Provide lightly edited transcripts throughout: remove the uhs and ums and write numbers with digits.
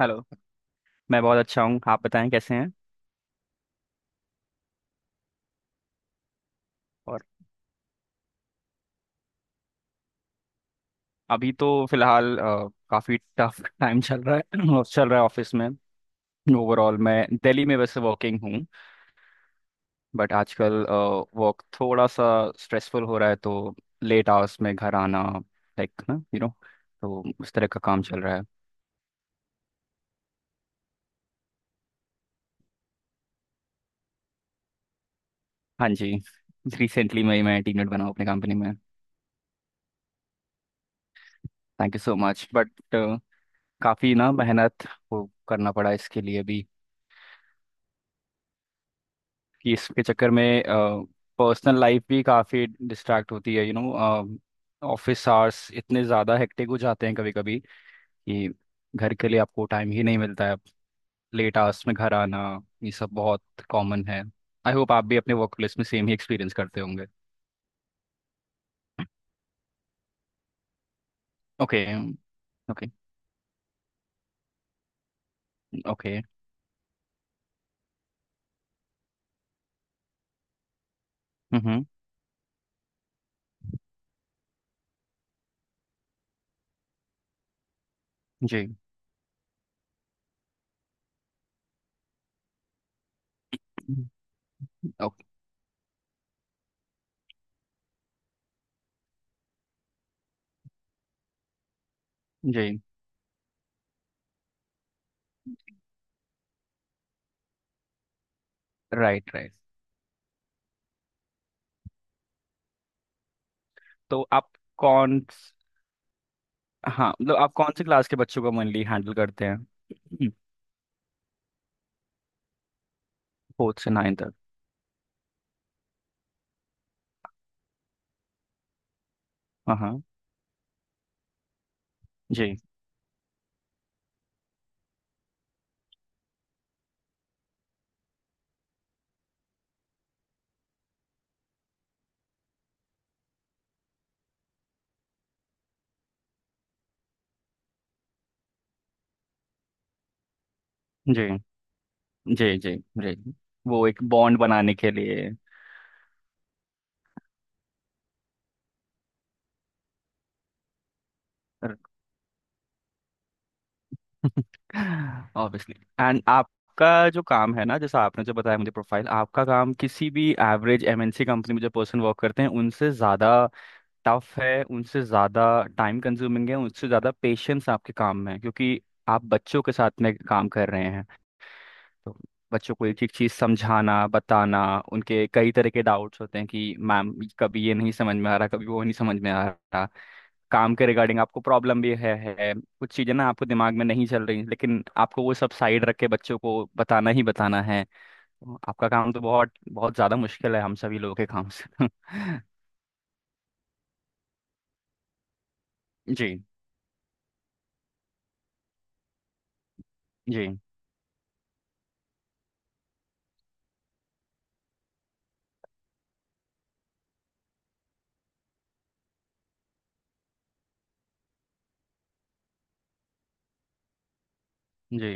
Hello. मैं बहुत अच्छा हूँ, आप बताएं कैसे हैं। और अभी तो फिलहाल काफी टफ टाइम चल रहा है और चल रहा है ऑफिस में। ओवरऑल मैं दिल्ली में वैसे वर्किंग हूँ, बट आजकल वर्क थोड़ा सा स्ट्रेसफुल हो रहा है तो लेट आवर्स में घर आना, लाइक ना तो उस तरह का काम चल रहा है। हाँ जी, रिसेंटली मैं टीम लीड बना हूँ अपनी कंपनी में। Thank you so much, but काफ़ी ना मेहनत वो करना पड़ा इसके लिए भी कि इसके चक्कर में पर्सनल लाइफ भी काफ़ी डिस्ट्रैक्ट होती है। ऑफिस आवर्स इतने ज़्यादा हेक्टिक हो जाते हैं कभी कभी कि घर के लिए आपको टाइम ही नहीं मिलता है। लेट आवर्स में घर आना, ये सब बहुत कॉमन है। आई होप आप भी अपने वर्क प्लेस में सेम ही एक्सपीरियंस करते होंगे। Okay okay okay. हम्म। जी। ओके। जी। Right right. तो आप कौन। हाँ मतलब आप कौन से क्लास के बच्चों का मेनली हैंडल करते हैं। फोर्थ से नाइन तक। हाँ हाँ। जी जी जी जी, वो एक बॉन्ड बनाने के लिए। ऑब्वियसली। एंड आपका जो काम है ना, जैसा आपने जो बताया मुझे, प्रोफाइल आपका, काम किसी भी एवरेज एमएनसी कंपनी में जो पर्सन वर्क करते हैं उनसे ज़्यादा टफ है, उनसे ज़्यादा टाइम कंज्यूमिंग है, उनसे ज़्यादा पेशेंस आपके काम में है, क्योंकि आप बच्चों के साथ में काम कर रहे हैं। तो बच्चों को एक एक चीज़ समझाना, बताना, उनके कई तरह के डाउट्स होते हैं कि मैम कभी ये नहीं समझ में आ रहा, कभी वो नहीं समझ में आ रहा। काम के रिगार्डिंग आपको प्रॉब्लम भी है कुछ चीज़ें ना आपको दिमाग में नहीं चल रही, लेकिन आपको वो सब साइड रख के बच्चों को बताना ही बताना है। आपका काम तो बहुत बहुत ज़्यादा मुश्किल है हम सभी लोगों के काम से। जी जी जी।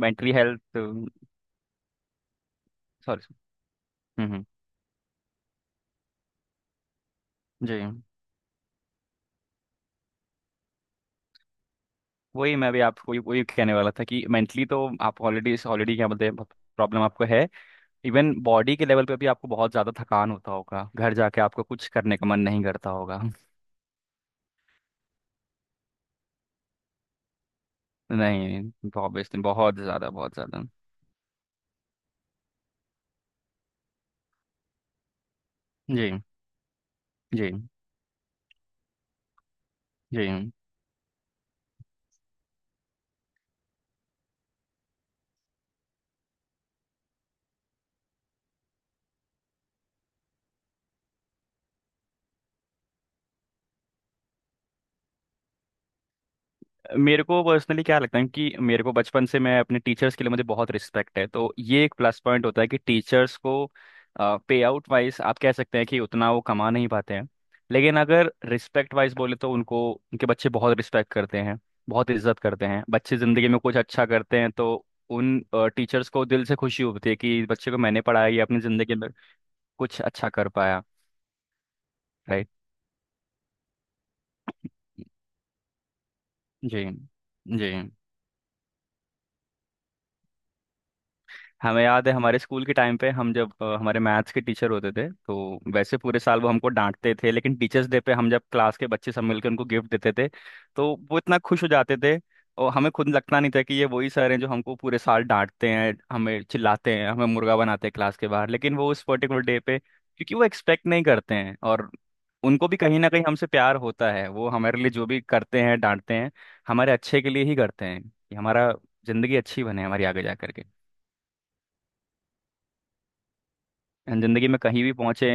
Mentally health. सॉरी। हम्म। जी, वही मैं भी आपको वही वही कहने वाला था कि मेंटली तो आप ऑलरेडी ऑलरेडी क्या बोलते हैं, प्रॉब्लम आपको है। इवन बॉडी के लेवल पे भी आपको बहुत ज़्यादा थकान होता होगा, घर जाके आपको कुछ करने का मन नहीं करता होगा। नहीं, ऑब्वियसली बहुत ज्यादा बहुत ज्यादा। जी जी जी। मेरे को पर्सनली क्या लगता है कि मेरे को बचपन से, मैं अपने टीचर्स के लिए, मुझे बहुत रिस्पेक्ट है, तो ये एक प्लस पॉइंट होता है कि टीचर्स को पे आउट वाइज आप कह सकते हैं कि उतना वो कमा नहीं पाते हैं, लेकिन अगर रिस्पेक्ट वाइज बोले तो उनको उनके बच्चे बहुत रिस्पेक्ट करते हैं, बहुत इज्जत करते हैं। बच्चे जिंदगी में कुछ अच्छा करते हैं तो उन टीचर्स को दिल से खुशी होती है कि बच्चे को मैंने पढ़ाया, ये अपनी जिंदगी में कुछ अच्छा कर पाया। राइट। जी जी। हमें याद है हमारे स्कूल के टाइम पे, हम जब हमारे मैथ्स के टीचर होते थे तो वैसे पूरे साल वो हमको डांटते थे, लेकिन टीचर्स डे पे हम जब क्लास के बच्चे सब मिलकर उनको गिफ्ट देते थे, तो वो इतना खुश हो जाते थे। और हमें खुद लगता नहीं था कि ये वही सर हैं जो हमको पूरे साल डांटते हैं, हमें चिल्लाते हैं, हमें मुर्गा बनाते हैं क्लास के बाहर, लेकिन वो उस पर्टिकुलर डे पे क्योंकि वो एक्सपेक्ट नहीं करते हैं, और उनको भी कहीं ना कहीं हमसे प्यार होता है। वो हमारे लिए जो भी करते हैं, डांटते हैं, हमारे अच्छे के लिए ही करते हैं कि हमारा जिंदगी अच्छी बने, हमारी आगे जा करके जिंदगी में कहीं भी पहुंचे।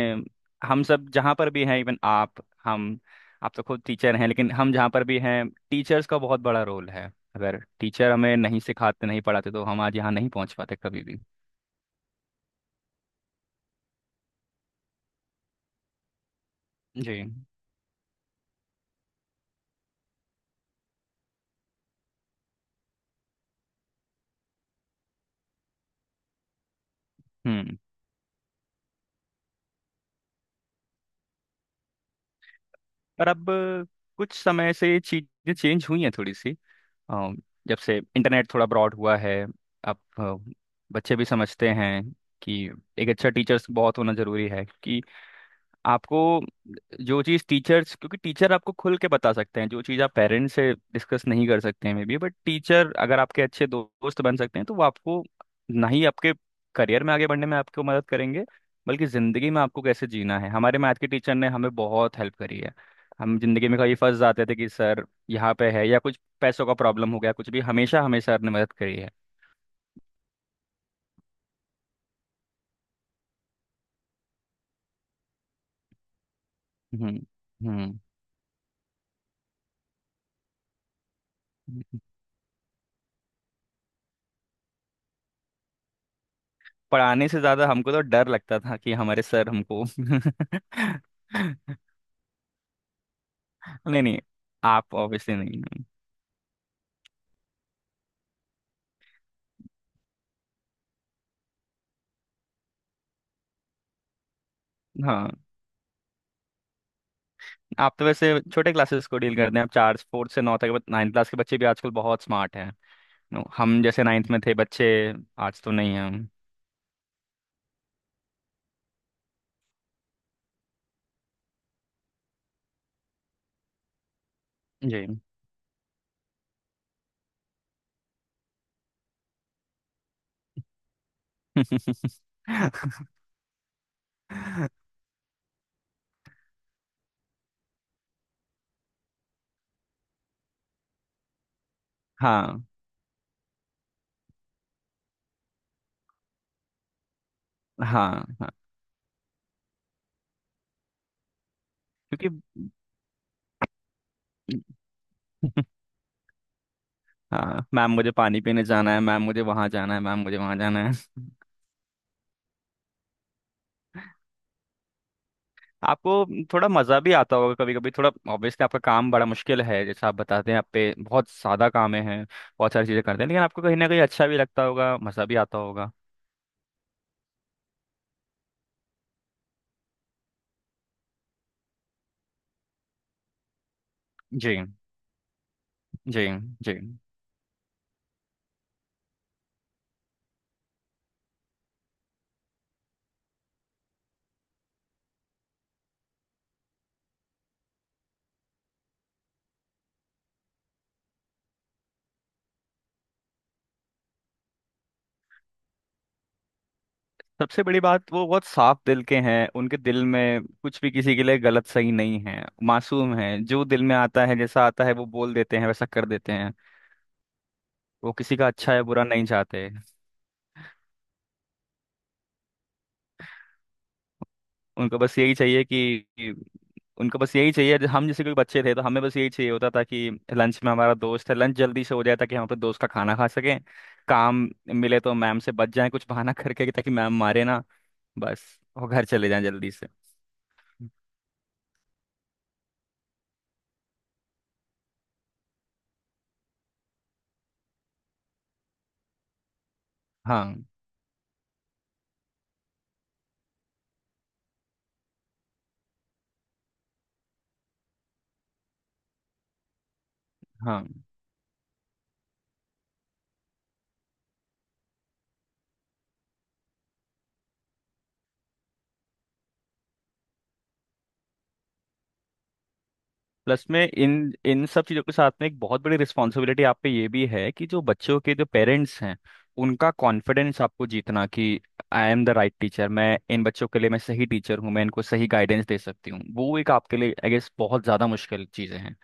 हम सब जहाँ पर भी हैं, इवन आप, हम, आप तो खुद टीचर हैं, लेकिन हम जहाँ पर भी हैं टीचर्स का बहुत बड़ा रोल है। अगर टीचर हमें नहीं सिखाते, नहीं पढ़ाते, तो हम आज यहाँ नहीं पहुंच पाते कभी भी। जी। हम्म। पर अब कुछ समय से चीज़ें चेंज हुई हैं थोड़ी सी। अ, जब से इंटरनेट थोड़ा ब्रॉड हुआ है, अब बच्चे भी समझते हैं कि एक अच्छा टीचर्स बहुत होना जरूरी है कि आपको जो चीज़, टीचर्स, क्योंकि टीचर आपको खुल के बता सकते हैं जो चीज़ आप पेरेंट्स से डिस्कस नहीं कर सकते हैं मे बी, बट टीचर अगर आपके अच्छे दोस्त बन सकते हैं तो वो आपको ना ही आपके करियर में आगे बढ़ने में आपको मदद करेंगे, बल्कि ज़िंदगी में आपको कैसे जीना है। हमारे मैथ के टीचर ने हमें बहुत हेल्प करी है। हम ज़िंदगी में कहीं फंस जाते थे कि सर यहाँ पे है या कुछ पैसों का प्रॉब्लम हो गया, कुछ भी, हमेशा हमें सर ने मदद करी है। हम्म हम्म हम्म। पढ़ाने से ज़्यादा हमको तो डर लगता था कि हमारे सर हमको। नहीं नहीं, आप ऑब्वियसली नहीं हैं। हाँ। आप तो वैसे छोटे क्लासेस को डील करते हैं। आप चार फोर्थ से नौ तक नाइन्थ क्लास के बच्चे भी आजकल बहुत स्मार्ट हैं। नो, हम जैसे नाइन्थ में थे बच्चे आज तो नहीं हैं हम। जी। हाँ हाँ हाँ। क्योंकि हाँ मैम मुझे पानी पीने जाना है, मैम मुझे वहाँ जाना है, मैम मुझे वहाँ जाना है। आपको थोड़ा मज़ा भी आता होगा कभी कभी थोड़ा, ऑब्वियसली आपका काम बड़ा मुश्किल है जैसा आप बताते हैं, आप पे बहुत सादा काम है, बहुत सारी चीज़ें करते हैं, लेकिन आपको कहीं ना कहीं अच्छा भी लगता होगा, मज़ा भी आता होगा। जी जी जी। सबसे बड़ी बात वो बहुत साफ दिल के हैं, उनके दिल में कुछ भी किसी के लिए गलत सही नहीं है। मासूम है, जो दिल में आता है जैसा आता है वो बोल देते हैं, वैसा कर देते हैं। वो किसी का अच्छा या बुरा नहीं चाहते। उनको बस यही चाहिए कि, उनको बस यही चाहिए, हम जैसे कोई बच्चे थे तो हमें बस यही चाहिए होता था कि लंच में हमारा दोस्त है, लंच जल्दी से हो जाए ताकि हम अपने दोस्त का खाना खा सकें। काम मिले तो मैम से बच जाएं, कुछ बहाना करके, कि ताकि मैम मारे ना, बस वो घर चले जाएं जल्दी से। हाँ हाँ। प्लस में, इन इन सब चीज़ों के साथ में एक बहुत बड़ी रिस्पॉन्सिबिलिटी आप पे ये भी है कि जो बच्चों के जो पेरेंट्स हैं, उनका कॉन्फिडेंस आपको जीतना, कि I am the right teacher, मैं इन बच्चों के लिए मैं सही टीचर हूँ, मैं इनको सही गाइडेंस दे सकती हूँ। वो एक आपके लिए आई गेस बहुत ज़्यादा मुश्किल चीज़ें हैं।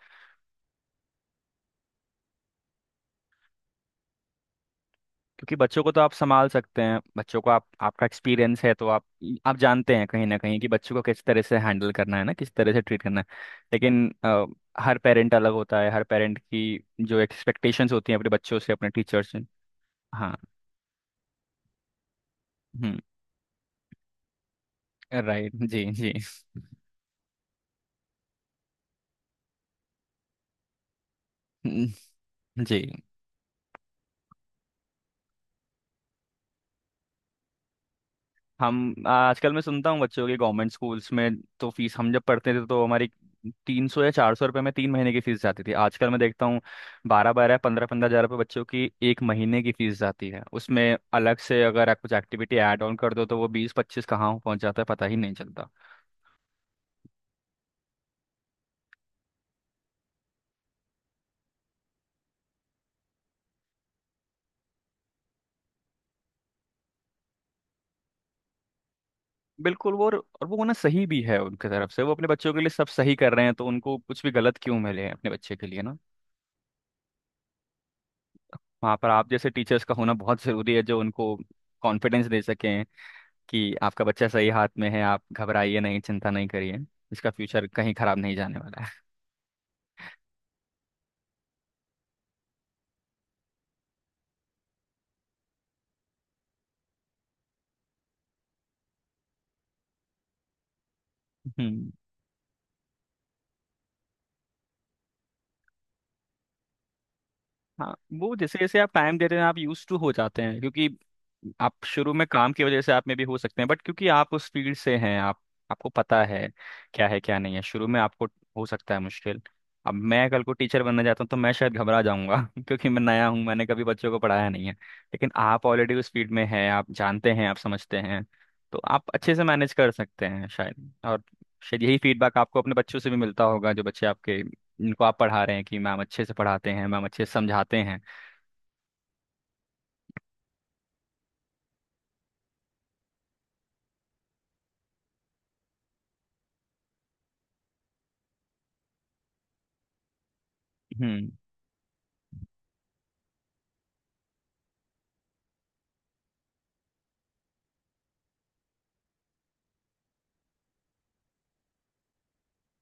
क्योंकि बच्चों को तो आप संभाल सकते हैं, बच्चों को आप, आपका एक्सपीरियंस है तो आप जानते हैं कहीं ना कहीं कि बच्चों को किस तरह से हैंडल करना है ना, किस तरह से ट्रीट करना है। लेकिन हर पेरेंट अलग होता है, हर पेरेंट की जो एक्सपेक्टेशंस होती हैं अपने बच्चों से, अपने टीचर्स। हाँ। हम्म। राइट। जी जी। हम्म। जी। हम आजकल, मैं सुनता हूँ बच्चों के, गवर्नमेंट स्कूल्स में तो फीस, हम जब पढ़ते थे तो हमारी 300 या 400 रुपये में 3 महीने की फीस जाती थी, आजकल मैं देखता हूँ 12-12 15-15 हज़ार रुपये बच्चों की 1 महीने की फीस जाती है, उसमें अलग से अगर आप कुछ एक्टिविटी ऐड ऑन कर दो तो वो 20-25 कहाँ पहुँच जाता है पता ही नहीं चलता। बिल्कुल। वो और वो होना सही भी है उनकी तरफ से, वो अपने बच्चों के लिए सब सही कर रहे हैं, तो उनको कुछ भी गलत क्यों मिले अपने बच्चे के लिए। वहाँ पर आप जैसे टीचर्स का होना बहुत ज़रूरी है जो उनको कॉन्फिडेंस दे सकें कि आपका बच्चा सही हाथ में है, आप घबराइए नहीं, चिंता नहीं करिए, इसका फ्यूचर कहीं खराब नहीं जाने वाला है। हाँ, वो जैसे जैसे आप टाइम दे रहे हैं, आप यूज टू हो जाते हैं क्योंकि आप शुरू में काम की वजह से आप में भी हो सकते हैं, बट क्योंकि आप उस फील्ड से हैं, आप, आपको पता है क्या नहीं है। शुरू में आपको हो सकता है मुश्किल। अब मैं कल को टीचर बनना चाहता हूँ तो मैं शायद घबरा जाऊंगा क्योंकि मैं नया हूँ, मैंने कभी बच्चों को पढ़ाया नहीं है, लेकिन आप ऑलरेडी उस फील्ड में हैं, आप जानते हैं, आप समझते हैं, तो आप अच्छे से मैनेज कर सकते हैं शायद। और शायद यही फीडबैक आपको अपने बच्चों से भी मिलता होगा, जो बच्चे आपके इनको आप पढ़ा रहे हैं, कि मैम अच्छे से पढ़ाते हैं, मैम अच्छे से समझाते हैं। हम्म।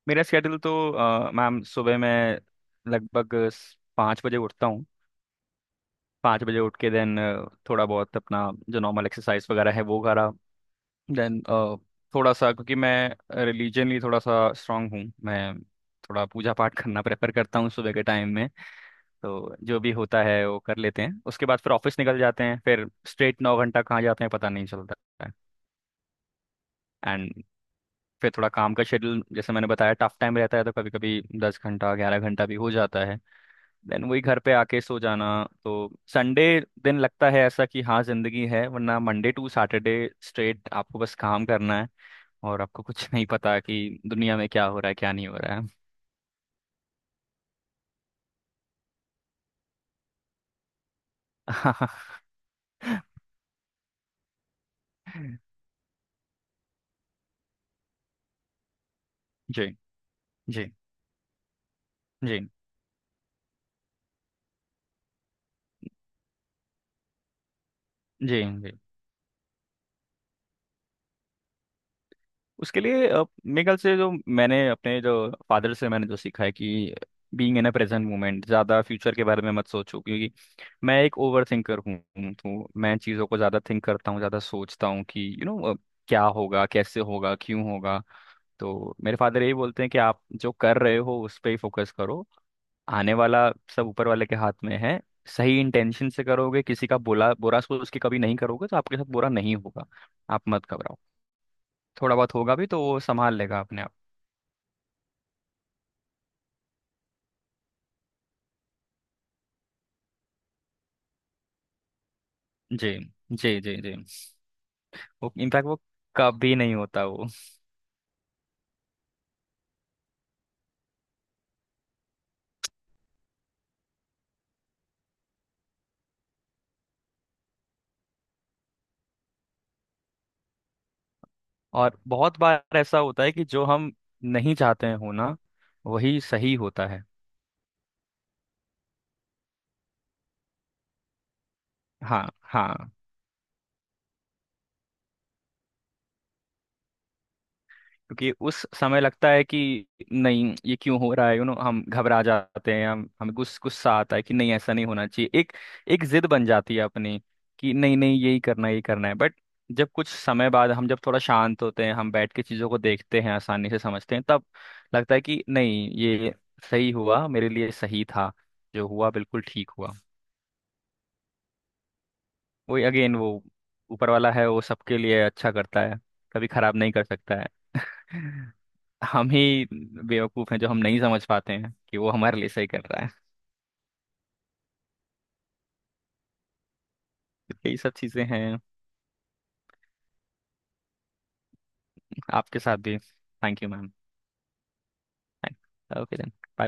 मेरा स्केड्यूल तो मैम सुबह मैं लगभग स- 5 बजे उठता हूँ। 5 बजे उठ के देन थोड़ा बहुत अपना जो नॉर्मल एक्सरसाइज वगैरह है वो करा, देन थोड़ा सा, क्योंकि मैं रिलीजनली थोड़ा सा स्ट्रांग हूँ, मैं थोड़ा पूजा पाठ करना प्रेफर करता हूँ सुबह के टाइम में, तो जो भी होता है वो कर लेते हैं। उसके बाद फिर ऑफिस निकल जाते हैं। फिर स्ट्रेट 9 घंटा कहाँ जाते हैं पता नहीं चलता है। एंड फिर थोड़ा काम का शेड्यूल, जैसे मैंने बताया टफ टाइम रहता है तो कभी कभी 10 घंटा 11 घंटा भी हो जाता है। देन वही घर पे आके सो जाना। तो संडे दिन लगता है ऐसा कि हाँ जिंदगी है, वरना मंडे टू सैटरडे स्ट्रेट आपको बस काम करना है, और आपको कुछ नहीं पता कि दुनिया में क्या हो रहा है क्या नहीं हो रहा है। जी जी जी जी जी। उसके लिए मेरे ख्याल से जो मैंने अपने जो फादर से मैंने जो सीखा है कि being in a present moment, ज़्यादा फ्यूचर के बारे में मत सोचो, क्योंकि मैं एक ओवर थिंकर हूँ, तो मैं चीज़ों को ज़्यादा थिंक करता हूँ, ज़्यादा सोचता हूँ कि क्या होगा, कैसे होगा, क्यों होगा। तो मेरे फादर यही बोलते हैं कि आप जो कर रहे हो उस पर ही फोकस करो, आने वाला सब ऊपर वाले के हाथ में है। सही इंटेंशन से करोगे, किसी का बुरा बुरा सोच के कभी नहीं करोगे तो आपके साथ बुरा नहीं होगा। आप मत घबराओ, थोड़ा बहुत होगा भी तो वो संभाल लेगा अपने आप। जी जी जी जी। वो इनफैक्ट वो कभी नहीं होता वो। और बहुत बार ऐसा होता है कि जो हम नहीं चाहते हैं होना, वही सही होता है। हाँ हाँ। क्योंकि उस समय लगता है कि नहीं ये क्यों हो रहा है, हम घबरा जाते हैं, हम हमें गुस्सा गुस्सा आता है कि नहीं ऐसा नहीं होना चाहिए, एक एक जिद बन जाती है अपनी कि नहीं नहीं यही करना है, यही करना है। बट जब कुछ समय बाद हम जब थोड़ा शांत होते हैं, हम बैठ के चीज़ों को देखते हैं, आसानी से समझते हैं, तब लगता है कि नहीं ये सही हुआ, मेरे लिए सही था, जो हुआ बिल्कुल ठीक हुआ। वही अगेन, वो ऊपर वाला है वो सबके लिए अच्छा करता है, कभी खराब नहीं कर सकता है। हम ही बेवकूफ हैं जो हम नहीं समझ पाते हैं कि वो हमारे लिए सही कर रहा है। यही सब चीजें हैं। आपके साथ भी, thank you ma'am. Okay then, bye bye.